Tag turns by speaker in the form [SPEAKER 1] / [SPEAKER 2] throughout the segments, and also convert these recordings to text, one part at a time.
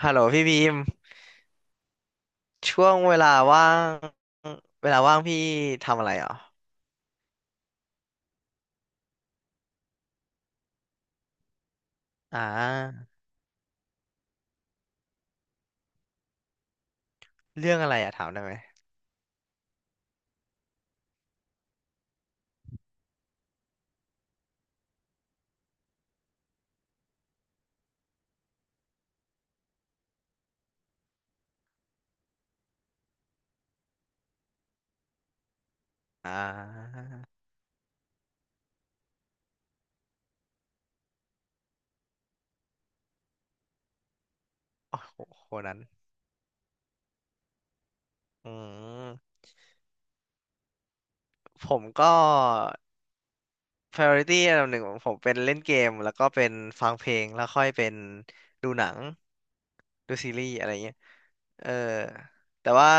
[SPEAKER 1] ฮัลโหลพี่บีมช่วงเวลาว่างเวลาว่างพี่ทำอะไรเหรออ่าเรื่องอะไรอะถามได้ไหมอ่าโอ้โหคนนั้นอืมผมก็ priority อันดับหนึ่งของผมเป็นเล่นเกมแล้วก็เป็นฟังเพลงแล้วค่อยเป็นดูหนังดูซีรีส์อะไรเงี้ยเออแต่ว่า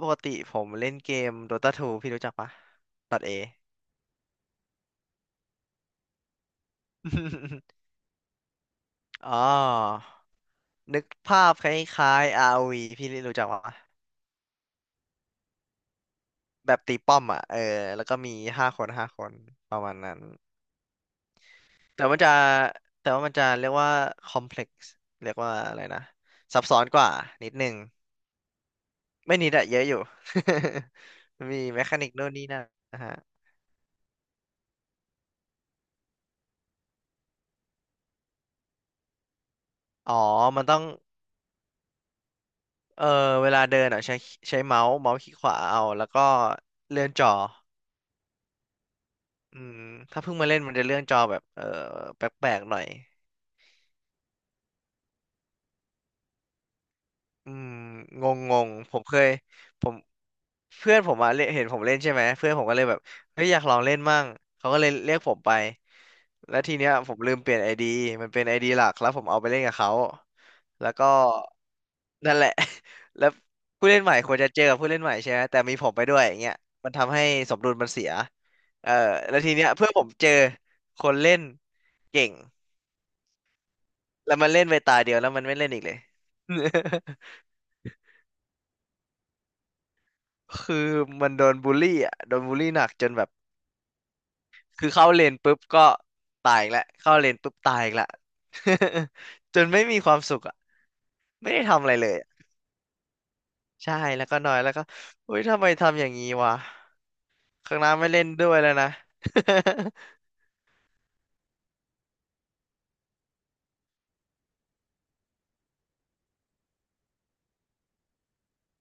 [SPEAKER 1] ปกติผมเล่นเกม Dota 2พี่รู้จักปะ .A อ๋อ นึกภาพคล้ายๆ ROV พี่รู้จักปะแบบตีป้อมอ่ะ เออ แล้วก็มีห้าคนห้าคนประมาณนั้น แต่มันจะแต่ว่ามันจะเรียกว่าคอมเพล็กซ์เรียกว่าอะไรนะซับซ้อนกว่านิดนึงไม่นิดอะเยอะอยู่ มีแมคานิกโน่นนี่นั่นนะฮะอ๋อ มันต้องเออเวลาเดินอ่ะใช้เมาส์เมาส์คลิกขวาเอา แล้วก็เลื่อนจออืมถ้าเพิ่งมาเล่นมันจะเลื่อนจอแบบเออแปลกๆหน่อย อืมงงงงผมเคยผมเพื่อนผมมาเล่นเห็นผมเล่นใช่ไหมเพื่อนผมก็เลยแบบเฮ้ยอยากลองเล่นมั่งเขาก็เลยเรียกผมไปแล้วทีเนี้ยผมลืมเปลี่ยนไอดีมันเป็นไอดีหลักแล้วผมเอาไปเล่นกับเขาแล้วก็นั่นแหละ แล้วผู้เล่นใหม่ควรจะเจอกับผู้เล่นใหม่ใช่ไหมแต่มีผมไปด้วยอย่างเงี้ยมันทำให้สมดุลมันเสียเออแล้วทีเนี้ยเพื่อนผมเจอคนเล่นเก่งแล้วมันเล่นไปตาเดียวแล้วมันไม่เล่นอีกเลย คือมันโดนบูลลี่อ่ะโดนบูลลี่หนักจนแบบคือเข้าเลนปุ๊บก็ตายอีกแล้วเข้าเลนปุ๊บตายอีกแล้ว จนไม่มีความสุขอ่ะไม่ได้ทำอะไรเลยอะใช่แล้วก็นอยแล้วก็เฮ้ยทำไมทำอย่างนี้วะข้างหน้าไม่เล่นด้วยแล้วนะ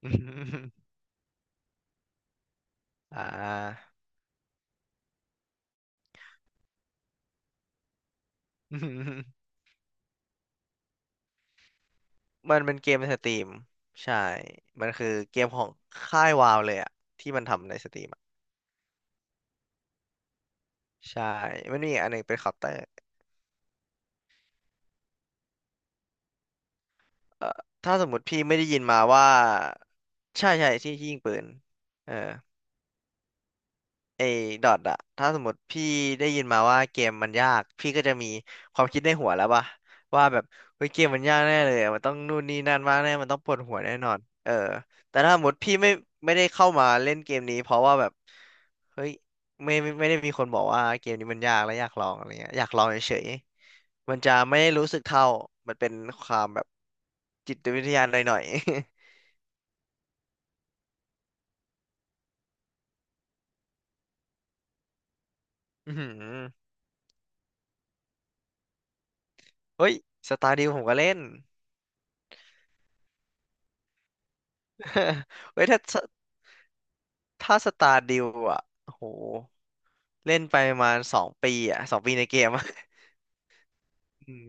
[SPEAKER 1] อ่า มันเป็นเกมในสตรีมใช่มันคือเกมของค่ายวาวเลยอ่ะที่มันทำในสตรีมอะใช่มันมีอีกอันหนึ่งเป็นเคาน์เตอร์ เอ่อถ้าสมมติพี่ไม่ได้ยินมาว่าใช่ใช่ที่ยิงปืนเออ ไอ้ดอทอะ ถ้าสมมติพี่ได้ยินมาว่าเกมมันยาก พี่ก็จะมีความคิดในหัวแล้วป่ะว่าแบบเฮ้ยเกมมันยากแน่เลยอะมันต้องนู่นนี่นั่นมากแน่มันต้องปวดหัวแน่นอนเออแต่ถ้าสมมติพี่ไม่ได้เข้ามาเล่นเกมนี้เพราะว่าแบบเฮ้ยไม่ได้มีคนบอกว่าเกมนี้มันยากและอยากลองอะไรเงี้ยอยากลองเฉยๆมันจะไม่ได้รู้สึกเท่ามันเป็นความแบบจิตวิทยาหน่อยๆ อือหือเฮ้ยสตาร์ดิวผมก็เล่น เฮ้ยถ้า ถ้าสตาร์ดิวอ่ะโหเล่นไปประมาณสองปีอ่ะสองปีในเกมอะ อืม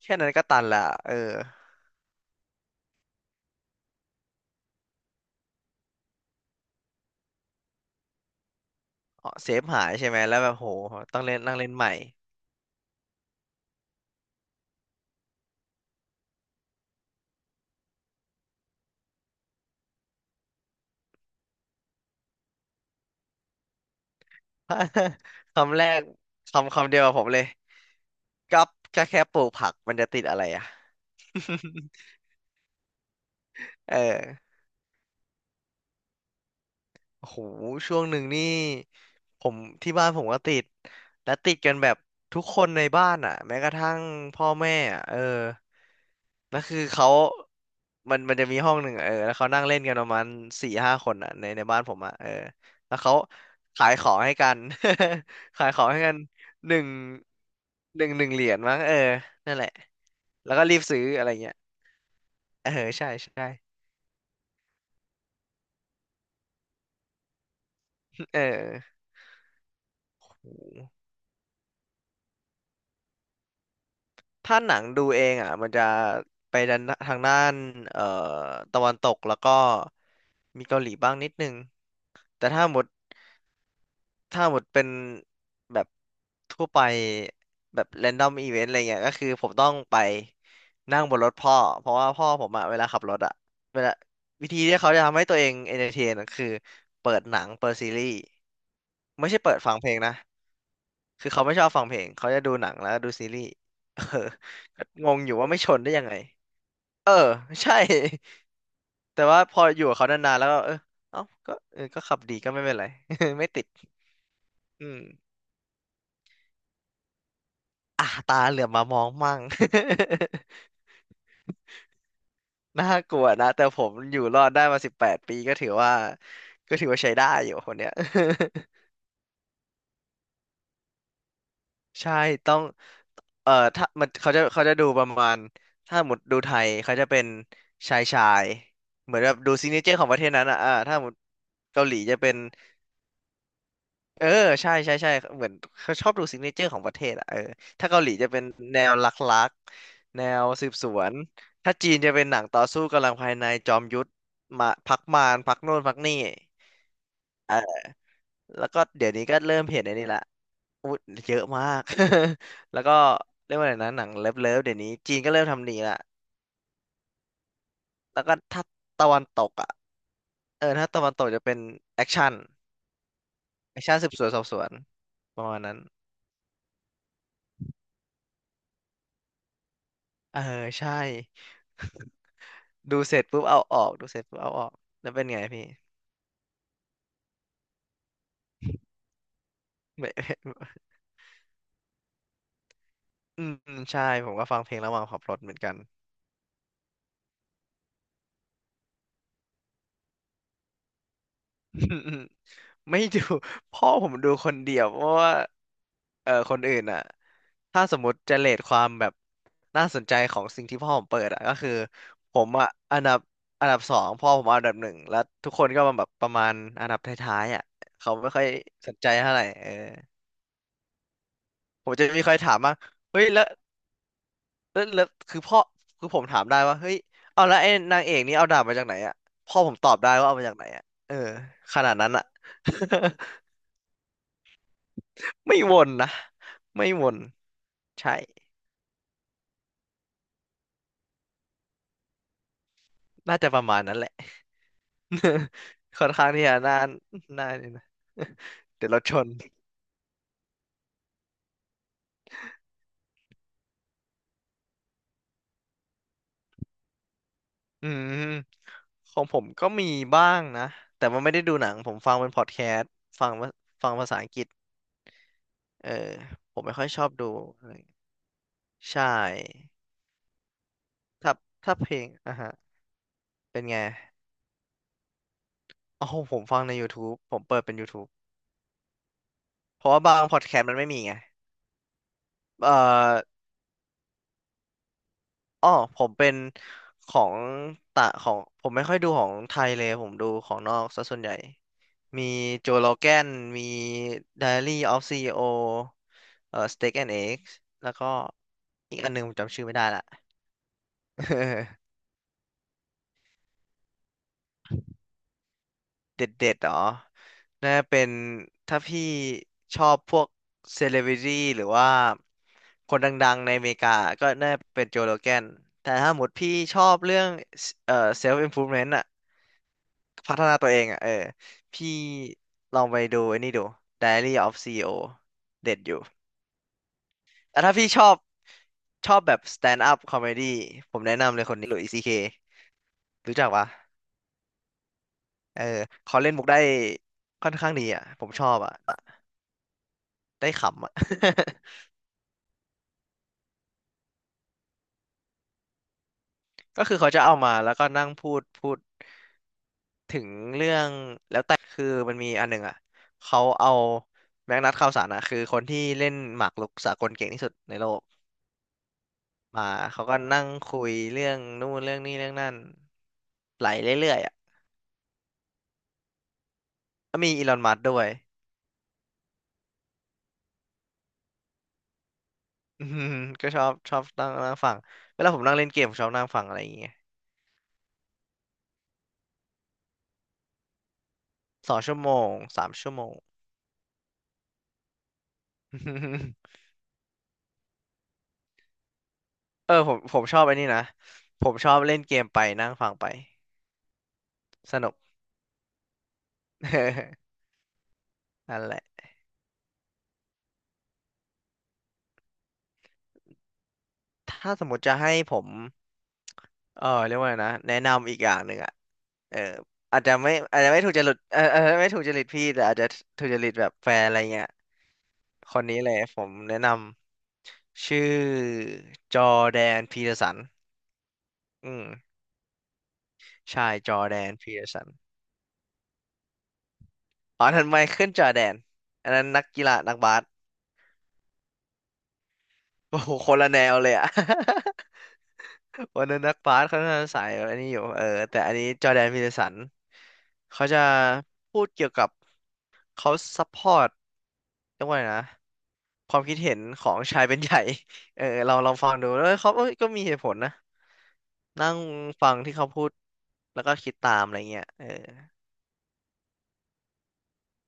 [SPEAKER 1] แค่นั้นก็ตันละเอออ๋อเซฟหายใช่ไหมแล้วแบบโหต้องเล่นนั่งเล่นใหม่ คำแรกคำเดียวกับผมเลยกับแค่ปลูกผักมันจะติดอะไรอ่ะ เออ โอ้โหช่วงหนึ่งนี่ผมที่บ้านผมก็ติดและติดกันแบบทุกคนในบ้านอ่ะแม้กระทั่งพ่อแม่อ่ะเออนั่นคือเขามันจะมีห้องหนึ่งอะเออแล้วเขานั่งเล่นกันประมาณ4-5 คนอ่ะในบ้านผมอ่ะเออแล้วเขาขายของให้กัน ขายของให้กันหนึ่งหนึ่งเหรียญมั้งเออนั่นแหละแล้วก็รีบซื้ออะไรเงี้ยเออใช่ใช่เออ ถ้าหนังดูเองอ่ะมันจะไปด้านทางด้านเอ่อตะวันตกแล้วก็มีเกาหลีบ้างนิดนึงแต่ถ้าหมดเป็นแบบทั่วไปแบบแรนดอมอีเวนต์อะไรเงี้ยก็คือผมต้องไปนั่งบนรถพ่อเพราะว่าพ่อผมอ่ะเวลาขับรถอ่ะเวลาวิธีที่เขาจะทำให้ตัวเองเอนเตอร์เทนก็คือเปิดหนังเปิดซีรีส์ไม่ใช่เปิดฟังเพลงนะคือเขาไม่ชอบฟังเพลงเขาจะดูหนังแล้วก็ดูซีรีส์เออ ก็งงอยู่ว่าไม่ชนได้ยังไง เออ ใช่ แต่ว่าพออยู่กับเขานานๆแล้วก็เออเอ้าก็เออก็ขับดีก็ไม่เป็นไร ไม่ติดอืมอ่ะตาเหลือบมามองมั่ง น่ากลัวนะแต่ผมอยู่รอดได้มา18 ปีก็ถือว่าก็ถือว่าใช้ได้อยู่คนเนี้ย ใช่ต้องเอ่อถ้ามันเขาจะดูประมาณถ้าหมดดูไทยเขาจะเป็นชายชายเหมือนแบบดูซิกเนเจอร์ของประเทศนั้นอ่ะอ่าถ้าหมดเกาหลีจะเป็น เออใช่ใช่ใช่เหมือนเขาชอบดูซิกเนเจอร์ของประเทศอะเออถ้าเกาหลีจะเป็นแนวลักแนวสืบสวนถ้าจีนจะเป็นหนังต่อสู้กำลังภายในจอมยุทธมาพักโน่นพักนี่เออแล้วก็เดี๋ยวนี้ก็เริ่มเห็นไอ้นี่ละอุ้ยเยอะมาก แล้วก็เรียกว่าอะไรนะหนังเลิฟเดี๋ยวนี้จีนก็เริ่มทำหนีละแล้วก็ถ้าตะวันตกอ่ะเออถ้าตะวันตกจะเป็นแอคชั่นแอคชั่นสืบสวนสอบสวนประมาณนั้นเออใช่ ดูเสร็จปุ๊บเอาออกดูเสร็จปุ๊บเอาออกแล้วเป็นไงพี่ไม่ อืมอืมใช่ผมก็ฟังเพลงระหว่างขับรถเหมือนกัน อืมอืมไม่ดู พ่อผมดูคนเดียวเพราะว่าเออคนอื่นอ่ะถ้าสมมติจะเรทความแบบน่าสนใจของสิ่งที่พ่อผมเปิดอ่ะก็คือผมอ่ะอันดับสองพ่อผมอันดับหนึ่งแล้วทุกคนก็มาแบบประมาณอันดับท้ายๆอ่ะเขาไม่ค่อยสนใจเท่าไหร่เออผมจะไมีใค่อยถามว่าเฮ้ยแล้ว แล้วคือพ่อคือผมถามได้ว่าเฮ้ยเอาแล้วไอ้นางเอกนี่เอาดาบมาจากไหนอ่ะพ่อผมตอบได้ว่าเอามาจากไหนอ่ะเออขนาดนั้นอ่ะ ไม่วนนะไม่วนใช่น่าจะประมาณนั้นแหละ ค่อนข้างที่จะน่านี่นะ เดี๋ยวเราชนอืมของผมก็มีบ้างนะแต่มันไม่ได้ดูหนังผมฟังเป็นพอดแคสต์ฟังว่าฟังภาษาอังกฤษเออผมไม่ค่อยชอบดูอะไรใช่ถ้าถ้าเพลงอ่ะฮะเป็นไง โอ้โหผมฟังใน YouTube ผมเปิดเป็น YouTube เพราะว่าบางพอดแคสต์มันไม่มีไงเอ่ออ้อผมเป็นของต่างของผมไม่ค่อยดูของไทยเลยผมดูของนอกซะส่วนใหญ่มีโจโ o แกนมี Diary of CEO Steak and Eggs แล้วก็อีกอันหนึงผมจำชื่อไม่ได้ละ เด็ดๆเหรอน่าเป็นถ้าพี่ชอบพวกเซเลบริตี้หรือว่าคนดังๆในอเมริกาก็น่าเป็นโจโรแกนแต่ถ้าหมดพี่ชอบเรื่องเซลฟ์อิมพูมเมนต์อะพัฒนาตัวเองอะเออพี่ลองไปดูไอ้นี่ดู Diary of ซีอีโอเด็ดอยู่แต่ถ้าพี่ชอบแบบ stand up comedy ผมแนะนำเลยคนนี้หลุยส์ซีเครู้จักปะเออเขาเล่นมุกได้ค่อนข้างดีอ่ะผมชอบอ่ะ ได้ขำอ่ะ ก็คือเขาจะเอามาแล้วก็นั่งพูดถึงเรื่องแล้วแต่คือมันมีอันหนึ่งอ่ะเขาเอาแม็กนัสข่าวสารอ่ะคือคนที่เล่นหมากรุกสากลเก่งที่สุดในโลกมาเขาก็นั่งคุยเรื่องนู่นเรื่องนี้เรื่องนั่นไหลเรื่อยๆอ่ะก็มีอีลอนมัสก์ด้วย อืมก็ชอบนั่งนั่งฟังเวลาผมนั่งเล่นเกมผมชอบนั่งฟังอะไรอย่างเงี้ยสองชั่วโมงสามชั่วโมง เออผมชอบไอ้นี่นะผมชอบเล่นเกมไปนั่งฟังไป สนุก นั่นแหละถ้าสมมติจะให้ผมเออเรียกว่าไงนะแนะนำอีกอย่างหนึ่งอ่ะเอออาจจะไม่ถูกจริตเออไม่ถูกจริตพี่แต่อาจจะถูกจริตแบบแฟนอะไรเงี้ยคนนี้เลยผมแนะนำชื่อจอร์แดนพีเตอร์สันอืมใช่จอร์แดนพีเตอร์สัน อ๋อทันไมเคิลจอร์แดนอันนั้นนักกีฬานักบาสโอ้โหคนละแนวเลยอ่ะ วันนั้นนักบาสเขาน่าจะสายอันนี้อยู่เออแต่อันนี้จอร์แดนพีเทอร์สันเขาจะพูดเกี่ยวกับเขาซัพพอร์ตเรียกว่าไงนะความคิดเห็นของชายเป็นใหญ่ เออเราลองฟังดูแล้วเขาเอ้ยก็มีเหตุผลนะนั่งฟังที่เขาพูดแล้วก็คิดตามอะไรเงี้ยเออ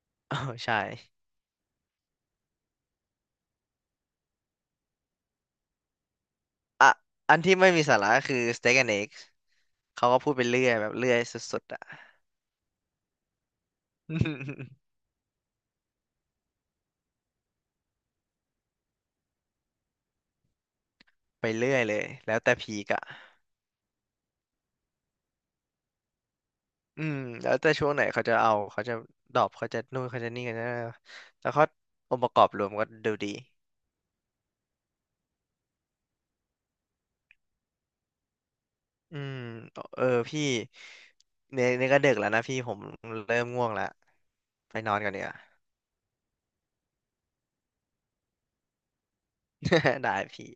[SPEAKER 1] อ๋อใช่อ่ะอันที่ไม่มีสาระคือ Steak and Eggs เขาก็พูดไปเรื่อยแบบเรื่อยสุดๆอ่ะ ไปเรื่อยเลยแล้วแต่พีกอะ อืมแล้วแต่ช่วงไหนเขาจะเอาเขาจะดรอปเขาจะนู่นเขาจะนี่กันนะแล้วเขาองค์ประกอบรวมก็ดูดีอืมเออพี่เนี่ยก็ดึกแล้วนะพี่ผมเริ่มง่วงแล้วไปนอนก่อนดีกว่า ได้พี่